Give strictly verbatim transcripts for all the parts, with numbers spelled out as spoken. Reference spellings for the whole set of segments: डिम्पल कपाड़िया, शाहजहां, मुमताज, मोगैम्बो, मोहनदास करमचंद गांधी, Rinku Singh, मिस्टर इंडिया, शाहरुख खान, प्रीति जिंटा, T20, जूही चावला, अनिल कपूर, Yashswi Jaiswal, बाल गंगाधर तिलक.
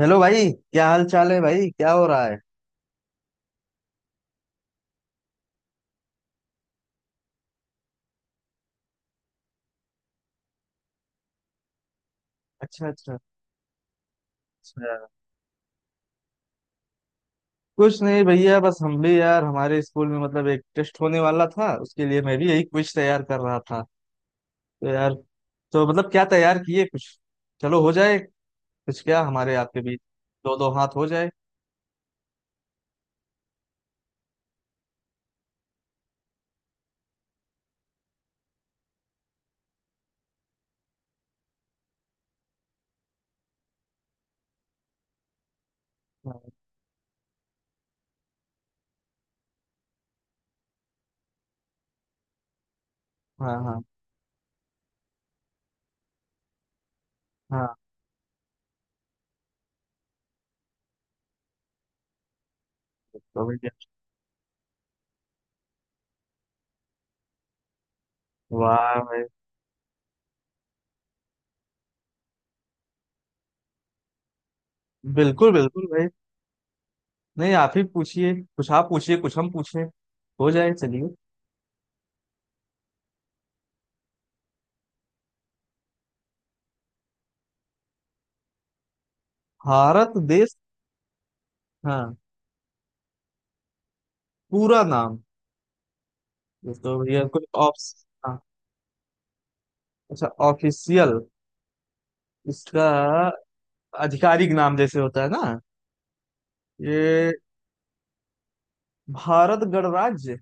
Hello भाई, क्या हाल चाल है भाई, क्या हो रहा है। अच्छा अच्छा। अच्छा। कुछ नहीं भैया, बस हम भी यार हमारे स्कूल में मतलब एक टेस्ट होने वाला था, उसके लिए मैं भी यही क्विज तैयार कर रहा था। तो यार। तो मतलब क्या तैयार किए कुछ। चलो हो जाए। कुछ क्या, हमारे आपके बीच दो दो हाथ हो जाए। हाँ, हाँ, हाँ, हाँ। तो भैया। वाह भाई। बिल्कुल बिल्कुल भाई। नहीं, आप ही पूछिए कुछ, आप पूछिए कुछ हम पूछें। हो जाए, चलिए। भारत देश। हाँ। पूरा नाम। ये तो भैया कोई ऑप्स, हाँ। अच्छा, ऑफिशियल। इसका आधिकारिक नाम जैसे होता है ना, ये भारत गणराज्य।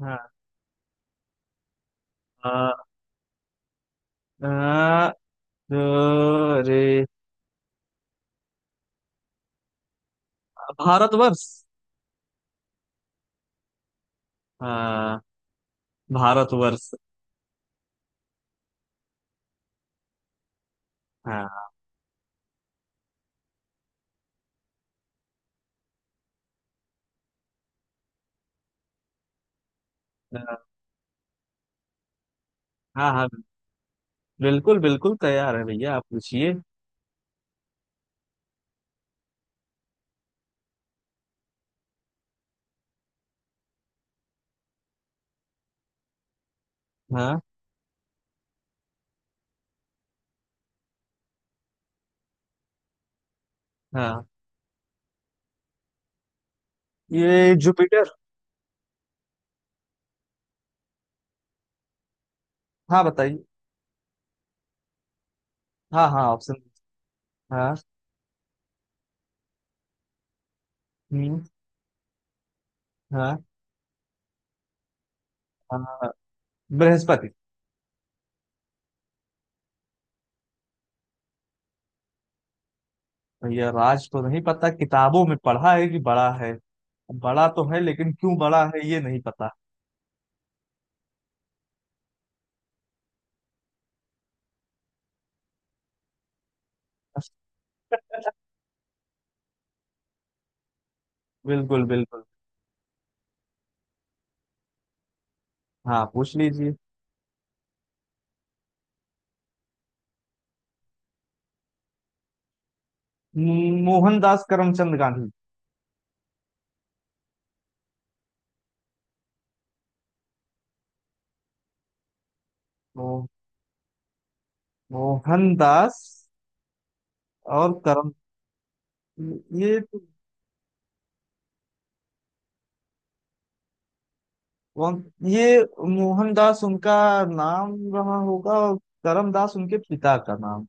हाँ। आ, आ, अ, रे भारतवर्ष। हाँ, भारतवर्ष। हाँ हाँ, हाँ। बिल्कुल बिल्कुल तैयार है भैया, आप पूछिए। हाँ, हाँ। ये जुपिटर। हाँ, बताइए। हाँ, हाँ, ऑप्शन। हाँ। हम्म। हाँ। हाँ, बृहस्पति। भैया राज तो नहीं पता, किताबों में पढ़ा है कि बड़ा है। बड़ा तो है लेकिन क्यों बड़ा है ये नहीं पता। बिल्कुल बिल्कुल। हाँ, पूछ लीजिए। म- मोहनदास करमचंद गांधी। मो, मोहनदास और करम। ये तो कौन- ये मोहनदास उनका नाम रहा होगा और करमदास उनके पिता का नाम।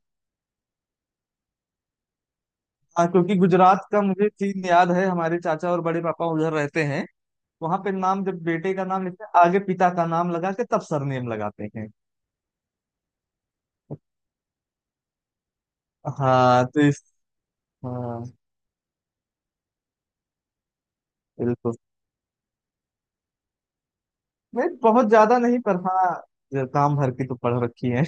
हाँ, क्योंकि गुजरात का मुझे सीन याद है, हमारे चाचा और बड़े पापा उधर रहते हैं। वहां पे नाम जब बेटे का नाम लिखते हैं, आगे पिता का नाम लगा के तब सरनेम लगाते हैं। हाँ, तो इस। हाँ। बिल्कुल। नहीं, बहुत ज्यादा नहीं, पर हाँ काम भर की तो पढ़ रखी है।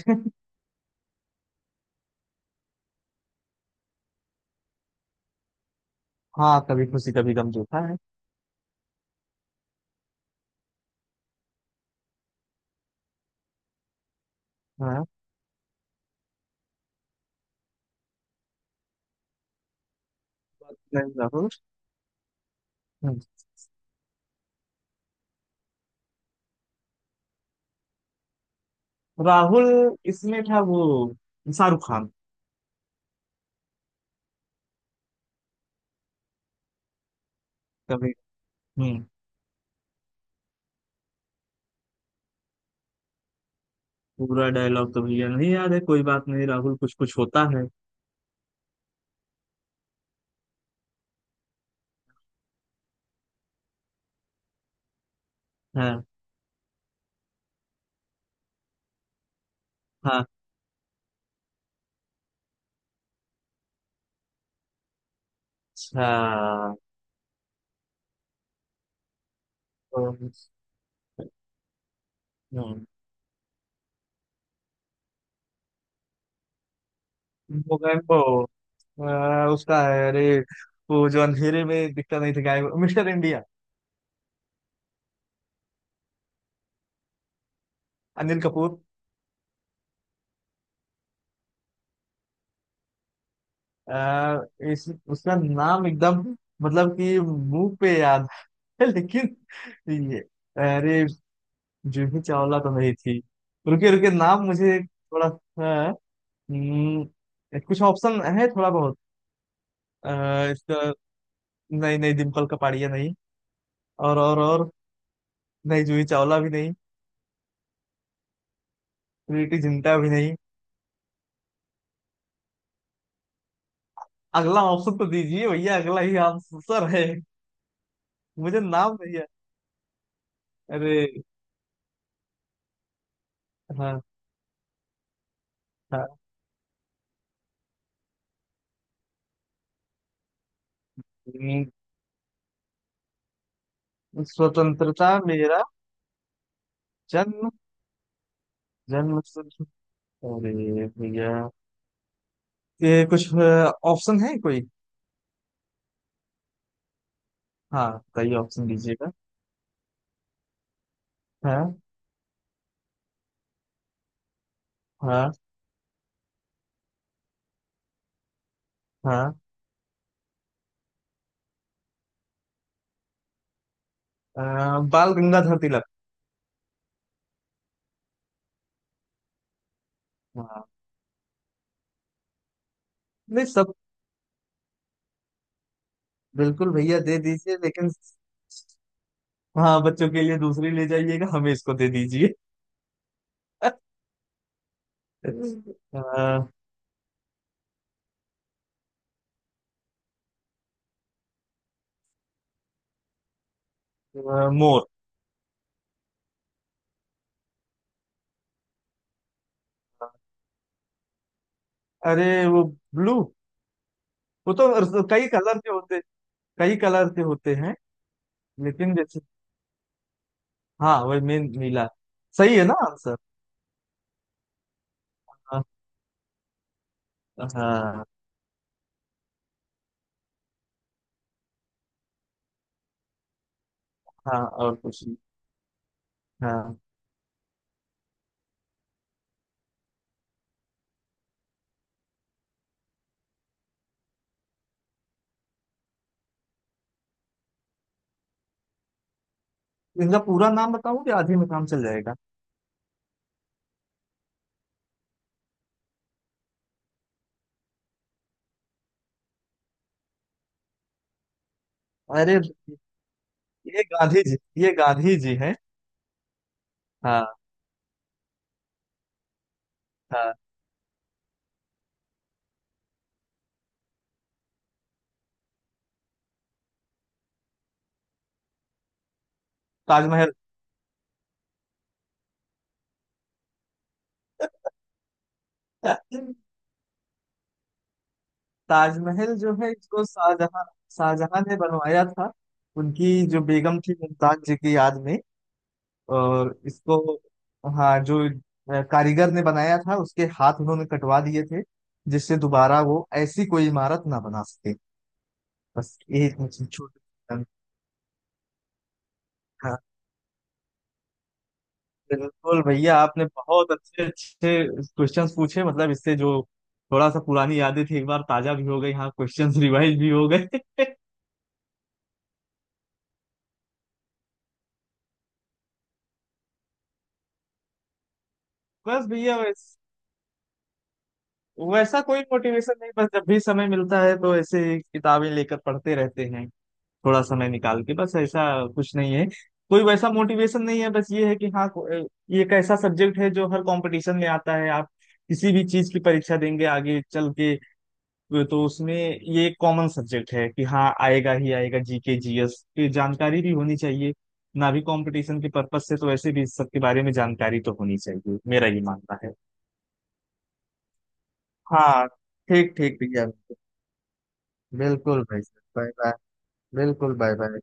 हाँ, कभी खुशी कभी गम देखा है। हाँ। नहीं, राहुल। हम्म। राहुल इसमें था वो शाहरुख खान। कभी। हम्म। पूरा डायलॉग तो भैया नहीं याद है, कोई बात नहीं राहुल कुछ कुछ होता है। हाँ हाँ। अच्छा। तो। हम्म। मोगैम्बो। अ, उसका है, अरे, वो जो अंधेरे में दिखता नहीं था, गायब, मिस्टर इंडिया। अनिल कपूर। आ, इस उसका नाम एकदम, मतलब कि मुंह पे याद है। लेकिन ये, अरे। जूही चावला तो नहीं थी। रुके रुके नाम मुझे थोड़ा सा। हम्म। कुछ ऑप्शन है थोड़ा बहुत। आ, इसका नहीं, नहीं, डिम्पल कपाड़िया नहीं। और और और। नहीं, जूही चावला भी नहीं। प्रीति जिंटा भी नहीं। अगला ऑप्शन तो दीजिए भैया, अगला ही आंसर है। मुझे नाम नहीं है। अरे। हाँ। हाँ। हम्म। स्वतंत्रता मेरा जन्म, जन मतलब, अरे भैया, ये कुछ ऑप्शन है कोई। हाँ, बताइए, ऑप्शन दीजिएगा। हाँ। हाँ। हाँ। अ, बाल गंगाधर तिलक। हाँ। नहीं सब। बिल्कुल भैया दे दीजिए लेकिन। हाँ, बच्चों के लिए दूसरी ले जाइएगा, हमें इसको दे दीजिए। अ, अ, मोर। अरे वो, ब्लू। वो तो कई कलर के होते, कई कलर के होते हैं। लेकिन जैसे, हाँ, वही मेन नीला। सही है ना आंसर। हाँ। हाँ। हाँ। और कुछ। हाँ। इनका पूरा नाम बताऊं कि आधे में काम चल जाएगा। अरे, ये गांधी जी, ये गांधी जी हैं। हाँ। हाँ। ताजमहल। ताजमहल जो है इसको शाहजहां शाहजहां ने बनवाया था, उनकी जो बेगम थी मुमताज जी की याद में। और इसको, हाँ, जो अ, कारीगर ने बनाया था उसके हाथ उन्होंने कटवा दिए थे, जिससे दोबारा वो ऐसी कोई इमारत ना बना सके। बस यही इतनी छोटी। बिल्कुल भैया आपने बहुत अच्छे अच्छे क्वेश्चंस पूछे, मतलब इससे जो थोड़ा सा पुरानी यादें थी, एक बार ताजा भी हो गई, हाँ, क्वेश्चंस रिवाइज भी हो गए। बस भैया वैस, वैसा कोई मोटिवेशन नहीं, बस जब भी समय मिलता है तो ऐसे ही किताबें लेकर पढ़ते रहते हैं। थोड़ा समय निकाल के बस ऐसा कुछ नहीं है। कोई वैसा मोटिवेशन नहीं है, बस ये है कि हाँ, को- ये एक ऐसा सब्जेक्ट है जो हर कंपटीशन में आता है, आप किसी भी चीज की परीक्षा देंगे आगे चल के तो उसमें ये एक कॉमन सब्जेक्ट है कि हाँ आएगा ही आएगा, जी के जी एस की जानकारी भी होनी चाहिए ना, भी कंपटीशन के पर्पस से तो वैसे भी इस सब के बारे में जानकारी तो होनी चाहिए, मेरा ये मानना है। हाँ। ठीक ठीक भैया। बिल्कुल भाई साहब, बाय बाय। बिल्कुल, बाय बाय।